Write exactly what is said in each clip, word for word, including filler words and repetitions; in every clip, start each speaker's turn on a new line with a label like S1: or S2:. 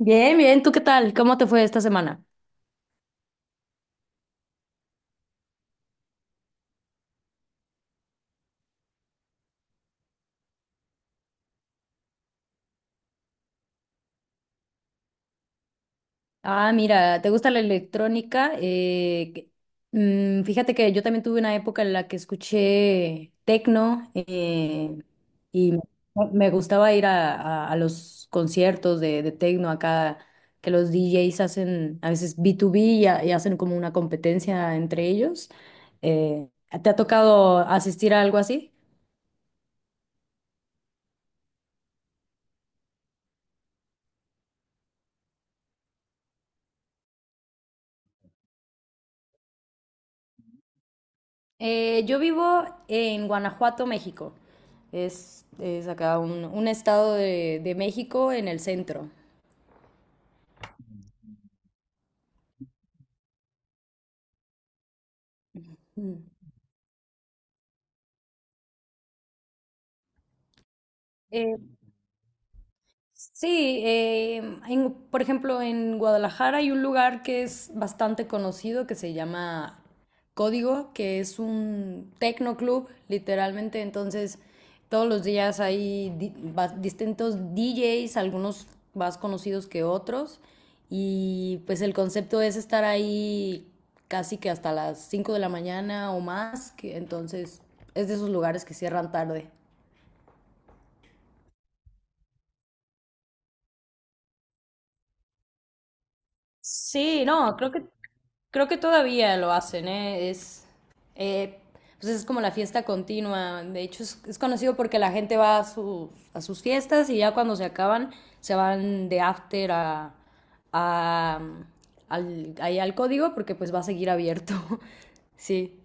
S1: Bien, bien, ¿tú qué tal? ¿Cómo te fue esta semana? Ah, mira, ¿te gusta la electrónica? Eh, que- mm, fíjate que yo también tuve una época en la que escuché tecno eh, y me me gustaba ir a, a- a los conciertos de, de tecno acá, que los D Js hacen a veces B dos B y, ha- y hacen como una competencia entre ellos. Eh, ¿Te ha tocado asistir a algo así? Eh, yo vivo en Guanajuato, México. Es, es acá un, un estado de, de México en el centro. Mm. Sí, eh, en- por ejemplo, en Guadalajara hay un lugar que es bastante conocido que se llama Código, que es un tecnoclub, literalmente. Entonces, todos los días hay di- va- distintos D Js, algunos más conocidos que otros. Y pues el concepto es estar ahí casi que hasta las cinco de la mañana o más, que entonces es de esos lugares que cierran tarde. Sí, no, creo que creo que todavía lo hacen, ¿eh? Es eh, pues es como la fiesta continua. De hecho, es, es conocido porque la gente va a sus, a sus fiestas y ya cuando se acaban, se van de after a, a, al, ahí al código porque pues va a seguir abierto. Sí.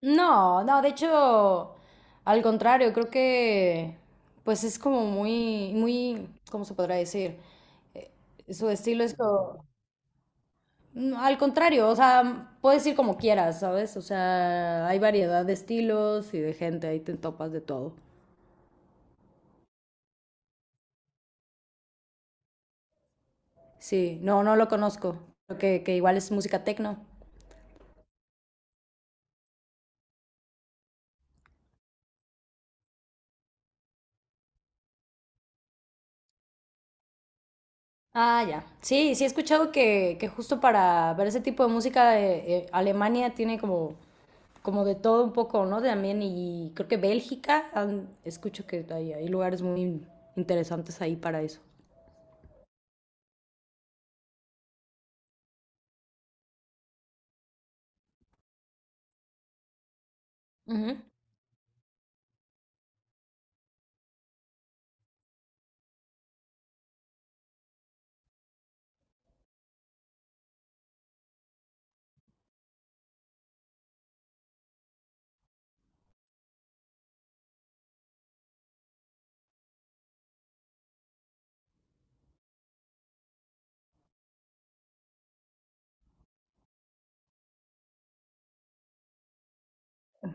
S1: No, no, de hecho, al contrario, creo que pues es como muy, muy, ¿cómo se podrá decir? Eh, Su estilo es como... No, al contrario, o sea, puedes ir como quieras, ¿sabes? O sea, hay variedad de estilos y de gente, ahí te topas de todo. Sí, no, no lo conozco. Creo que, que igual es música techno. Ah, ya. Sí, sí he escuchado que, que justo para ver ese tipo de música, eh, eh, Alemania tiene como, como de todo un poco, ¿no? También, y creo que Bélgica, han- escucho que hay, hay lugares muy interesantes ahí para eso.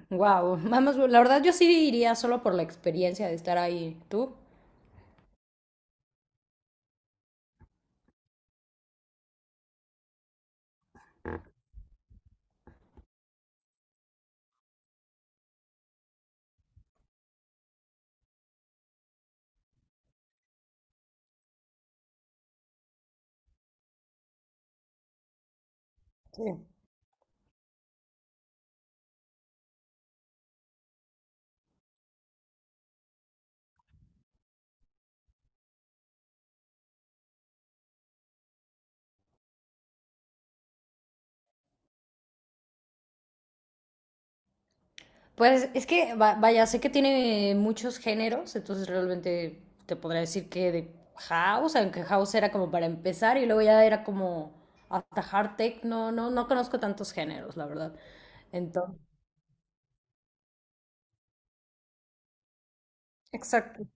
S1: Wow, vamos, la verdad yo sí iría solo por la experiencia de estar ahí. ¿Tú? Sí. Pues es que, va- vaya, sé que tiene muchos géneros, entonces realmente te podría decir que de house, aunque house era como para empezar y luego ya era como hasta hard tech, no, no, no conozco tantos géneros, la verdad. Entonces, exacto,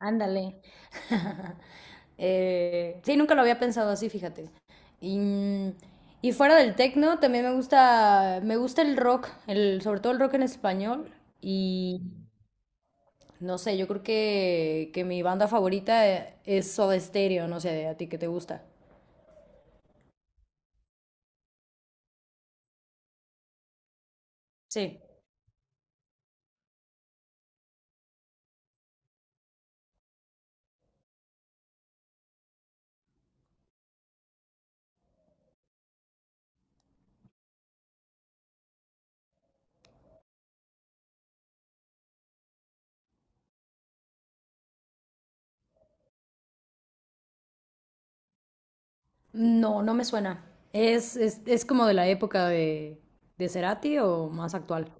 S1: ándale. Eh, sí, nunca lo había pensado así, fíjate. Y, y fuera del techno, también me gusta, me gusta el rock, el, sobre todo el rock en español. No sé, yo creo que, que mi banda favorita eh, es Soda Stereo, no sé, ¿a ti qué te gusta? Sí. No, no me suena. ¿Es, es, ¿es como de la época de, de Cerati o más actual?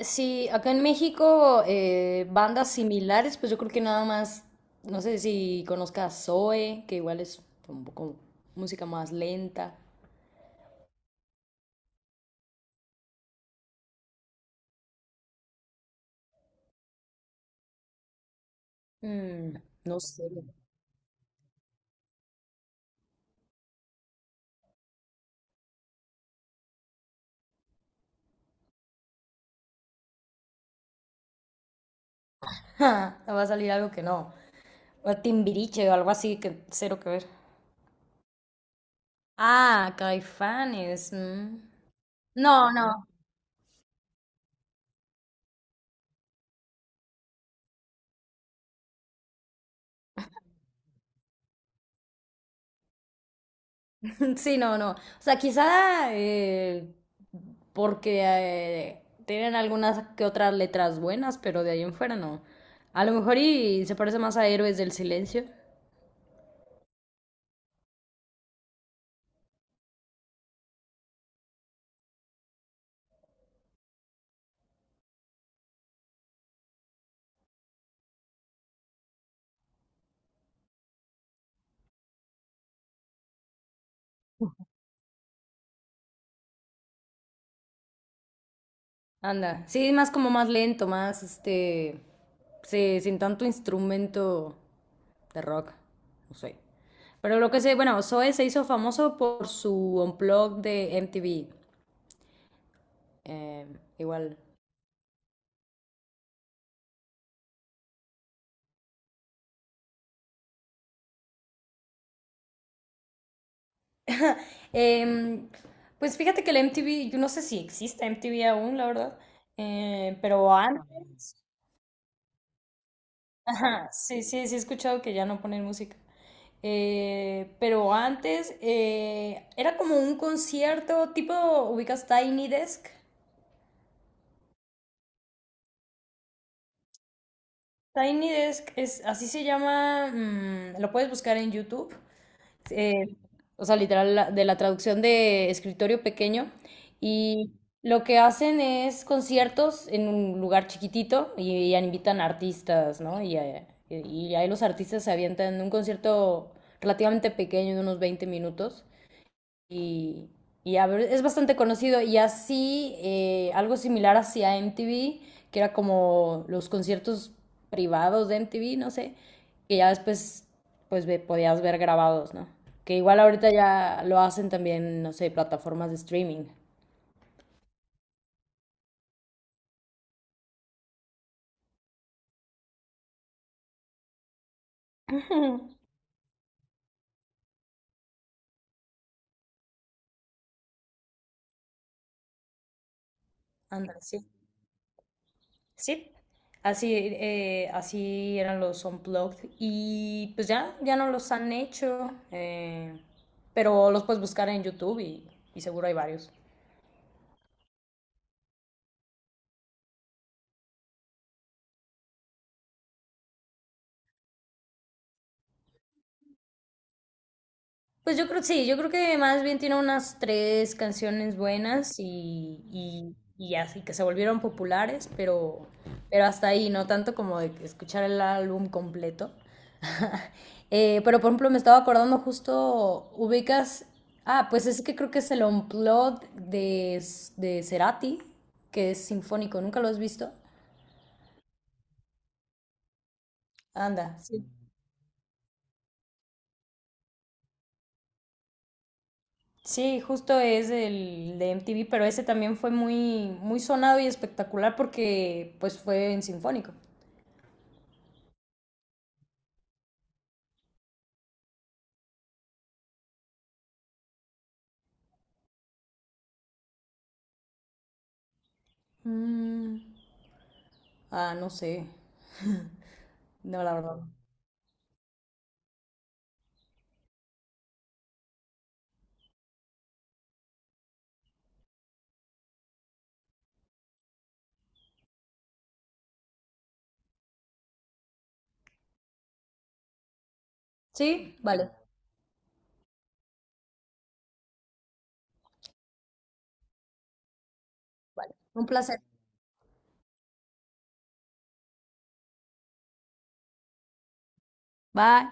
S1: Sí, acá en México, eh, bandas similares, pues yo creo que nada más, no sé si conozcas Zoe, que igual es un poco música más lenta. Mm, no sé. Ja, va a salir algo que no. O Timbiriche o algo así que cero que ver. Ah, Caifanes. Mm. No, no. Sí, no, no. O sea, quizá eh, porque eh, tienen algunas que otras letras buenas, pero de ahí en fuera no. A lo mejor y se parece más a Héroes del Silencio. Anda. Sí, más como más lento, más este. Sí, sin tanto instrumento de rock. No sé. Pero lo que sé, bueno, Zoe se hizo famoso por su unplug de M T V. Eh, Igual. Em, pues fíjate que la M T V, yo no sé si existe M T V aún, la verdad, eh, pero antes, ajá, sí, sí, sí he escuchado que ya no ponen música. Eh, pero antes eh, Era como un concierto tipo, ubicas Tiny Desk. Tiny Desk es, así se llama, mm, lo puedes buscar en YouTube. eh, o sea, literal, la- de la traducción de escritorio pequeño. Y lo que hacen es conciertos en un lugar chiquitito y, y invitan artistas, ¿no? Y, eh, y ahí los artistas se avientan en un concierto relativamente pequeño, de unos veinte minutos y, y a ver, es bastante conocido. Y así, eh, algo similar hacia M T V, que era como los conciertos privados de M T V, no sé, que ya después pues ve- podías ver grabados, ¿no? Que igual ahorita ya lo hacen también, no sé, plataformas de streaming. Ujú. Ándale, sí. Sí. Así, eh, así eran los Unplugged. Y pues ya, ya no los han hecho. Eh, pero los puedes buscar en YouTube y, y seguro hay varios. Pues yo creo, sí, yo creo que más bien tiene unas tres canciones buenas y, y, y así que se volvieron populares, pero, pero hasta ahí, no tanto como de que escuchar el álbum completo. Eh, pero por ejemplo, me estaba acordando justo, ubicas, ah, pues es que creo que es el Unplugged de, de Cerati, que es sinfónico, ¿nunca lo has visto? Anda, sí. Sí, justo es el de M T V, pero ese también fue muy, muy sonado y espectacular porque pues fue en Sinfónico. Mm, ah, no sé. No, la verdad. Sí, vale. Un placer. Bye.